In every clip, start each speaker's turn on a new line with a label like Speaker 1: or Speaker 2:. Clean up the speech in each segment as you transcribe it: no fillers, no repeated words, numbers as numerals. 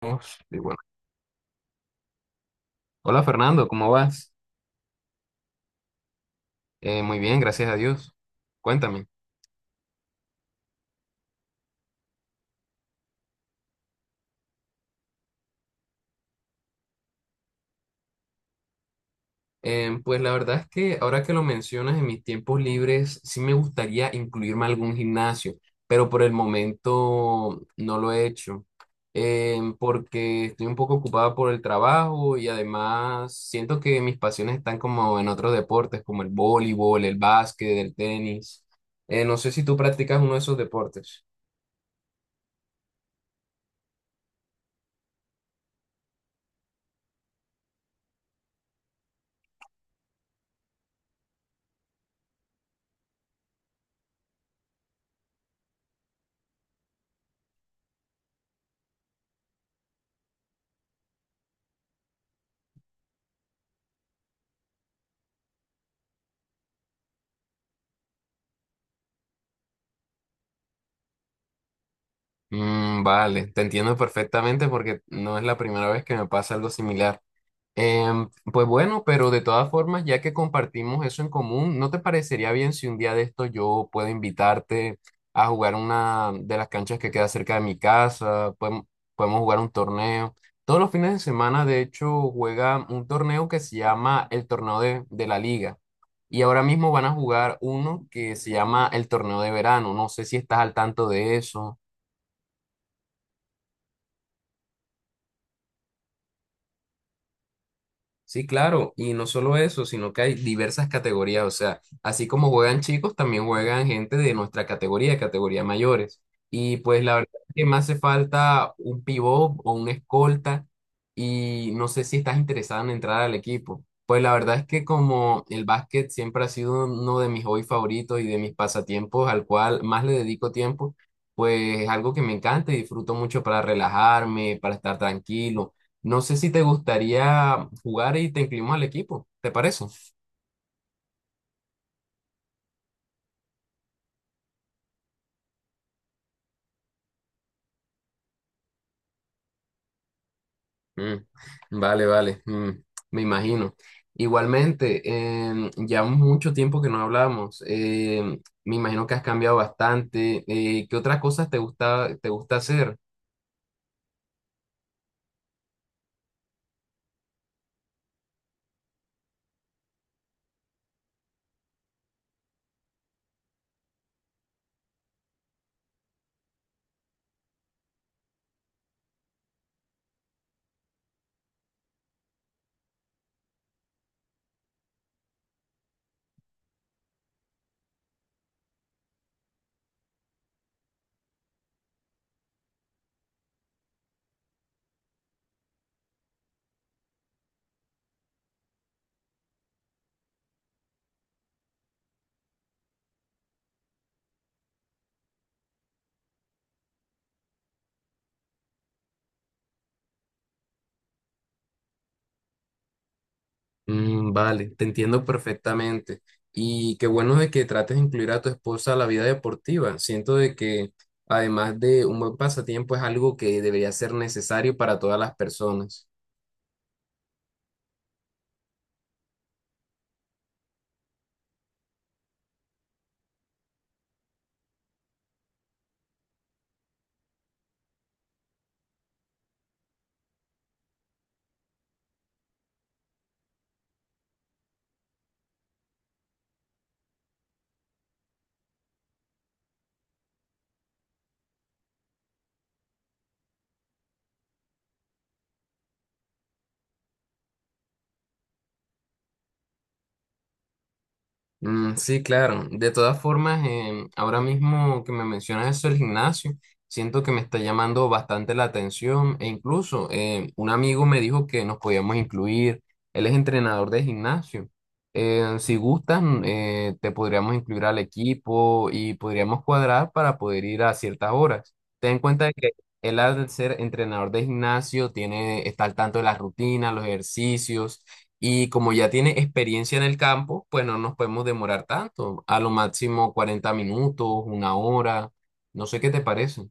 Speaker 1: Vamos, y bueno. Hola Fernando, ¿cómo vas? Muy bien, gracias a Dios. Cuéntame. Pues la verdad es que ahora que lo mencionas en mis tiempos libres, sí me gustaría incluirme a algún gimnasio, pero por el momento no lo he hecho, porque estoy un poco ocupada por el trabajo y además siento que mis pasiones están como en otros deportes, como el voleibol, el básquet, el tenis. No sé si tú practicas uno de esos deportes. Mm, vale, te entiendo perfectamente porque no es la primera vez que me pasa algo similar. Pues bueno, pero de todas formas, ya que compartimos eso en común, ¿no te parecería bien si un día de esto yo puedo invitarte a jugar una de las canchas que queda cerca de mi casa? Podemos jugar un torneo. Todos los fines de semana, de hecho, juega un torneo que se llama el Torneo de la Liga. Y ahora mismo van a jugar uno que se llama el Torneo de Verano. No sé si estás al tanto de eso. Sí, claro, y no solo eso, sino que hay diversas categorías, o sea, así como juegan chicos, también juegan gente de nuestra categoría, categoría mayores. Y pues la verdad es que me hace falta un pivot o un escolta y no sé si estás interesado en entrar al equipo. Pues la verdad es que como el básquet siempre ha sido uno de mis hobbies favoritos y de mis pasatiempos al cual más le dedico tiempo, pues es algo que me encanta y disfruto mucho para relajarme, para estar tranquilo. No sé si te gustaría jugar y te incluimos al equipo, ¿te parece? Mm, vale, vale, me imagino. Igualmente, ya mucho tiempo que no hablamos. Me imagino que has cambiado bastante. ¿Qué otras cosas te gusta hacer? Mm, vale, te entiendo perfectamente. Y qué bueno de que trates de incluir a tu esposa a la vida deportiva. Siento de que además de un buen pasatiempo es algo que debería ser necesario para todas las personas. Mm, sí, claro. De todas formas, ahora mismo que me mencionas eso del gimnasio, siento que me está llamando bastante la atención e incluso un amigo me dijo que nos podíamos incluir. Él es entrenador de gimnasio. Si gustan, te podríamos incluir al equipo y podríamos cuadrar para poder ir a ciertas horas. Ten en cuenta que él al ser entrenador de gimnasio tiene, está al tanto de las rutinas, los ejercicios, y como ya tiene experiencia en el campo, pues no nos podemos demorar tanto, a lo máximo 40 minutos, una hora. No sé qué te parece.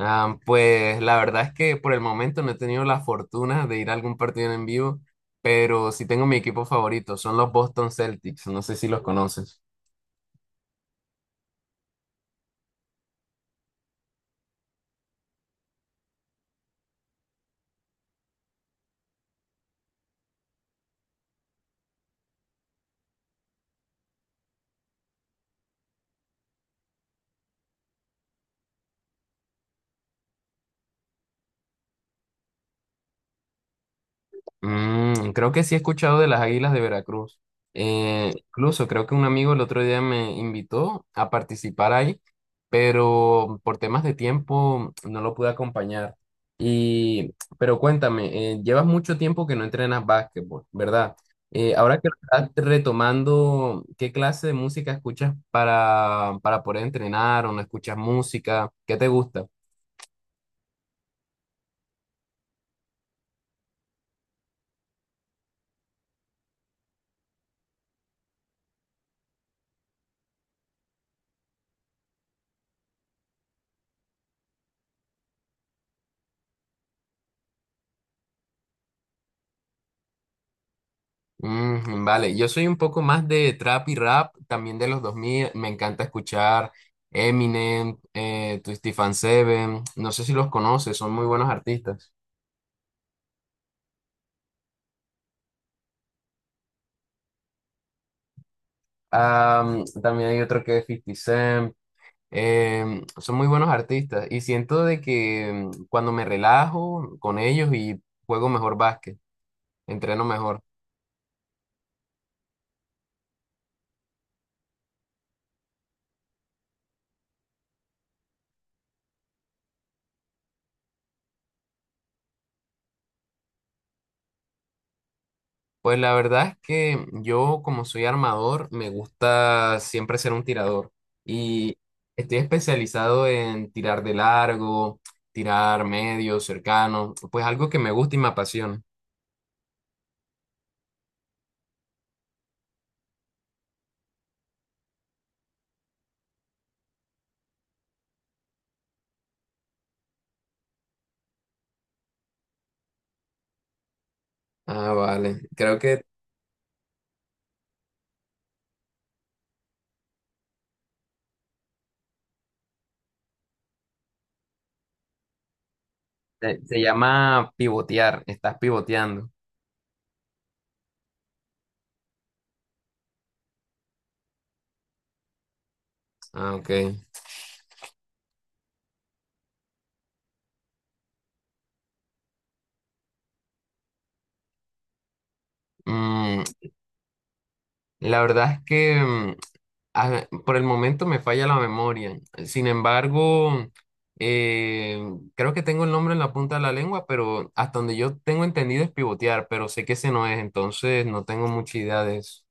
Speaker 1: Ah, pues la verdad es que por el momento no he tenido la fortuna de ir a algún partido en vivo, pero sí tengo mi equipo favorito, son los Boston Celtics, no sé si los conoces. Mm, creo que sí he escuchado de las Águilas de Veracruz. Incluso creo que un amigo el otro día me invitó a participar ahí, pero por temas de tiempo no lo pude acompañar. Y, pero cuéntame, llevas mucho tiempo que no entrenas básquetbol, ¿verdad? Ahora que lo estás retomando, ¿qué clase de música escuchas para poder entrenar, o no escuchas música? ¿Qué te gusta? Mm, vale, yo soy un poco más de trap y rap, también de los 2000. Me encanta escuchar Eminem, Twisty Fan Seven, no sé si los conoces, son muy buenos artistas. También hay otro que es 50 Cent. Son muy buenos artistas y siento de que, cuando me relajo con ellos, y juego mejor básquet, entreno mejor. Pues la verdad es que yo, como soy armador, me gusta siempre ser un tirador. Y estoy especializado en tirar de largo, tirar medio, cercano. Pues algo que me gusta y me apasiona. Ah, vale. Creo que se llama pivotear. Estás pivoteando. Ah, ok. Mm, la verdad es que, por el momento me falla la memoria. Sin embargo, eh, creo que tengo el nombre en la punta de la lengua, pero hasta donde yo tengo entendido es pivotear, pero sé que ese no es, entonces no tengo mucha idea de eso.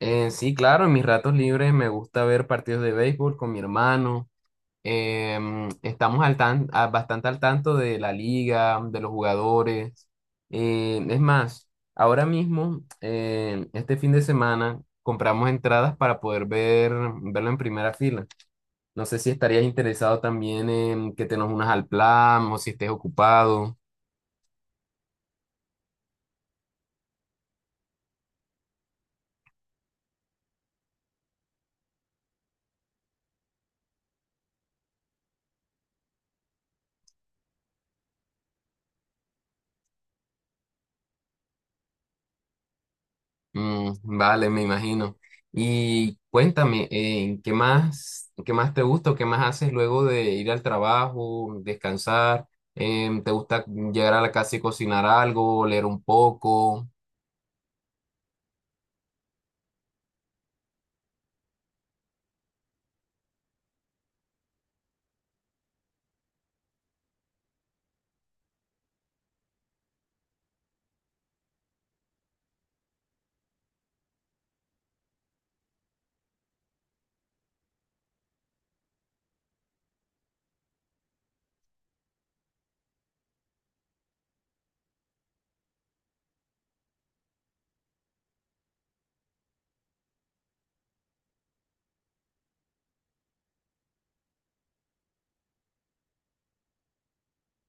Speaker 1: Sí, claro, en mis ratos libres me gusta ver partidos de béisbol con mi hermano. Estamos al bastante al tanto de la liga, de los jugadores. Es más, ahora mismo, este fin de semana, compramos entradas para poder ver, verlo en primera fila. No sé si estarías interesado también en que te nos unas al plan o si estés ocupado. Mm, vale, me imagino. Y cuéntame, qué más te gusta o qué más haces luego de ir al trabajo, descansar? ¿Te gusta llegar a la casa y cocinar algo, leer un poco?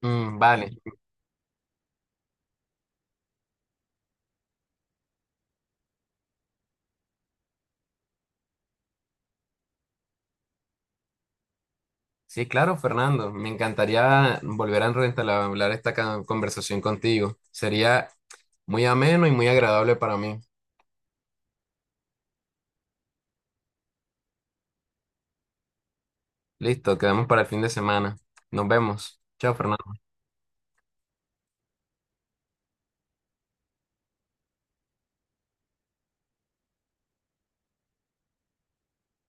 Speaker 1: Mm, vale. Sí, claro, Fernando. Me encantaría volver a entablar esta conversación contigo. Sería muy ameno y muy agradable para mí. Listo, quedamos para el fin de semana. Nos vemos. Chao, Fernando.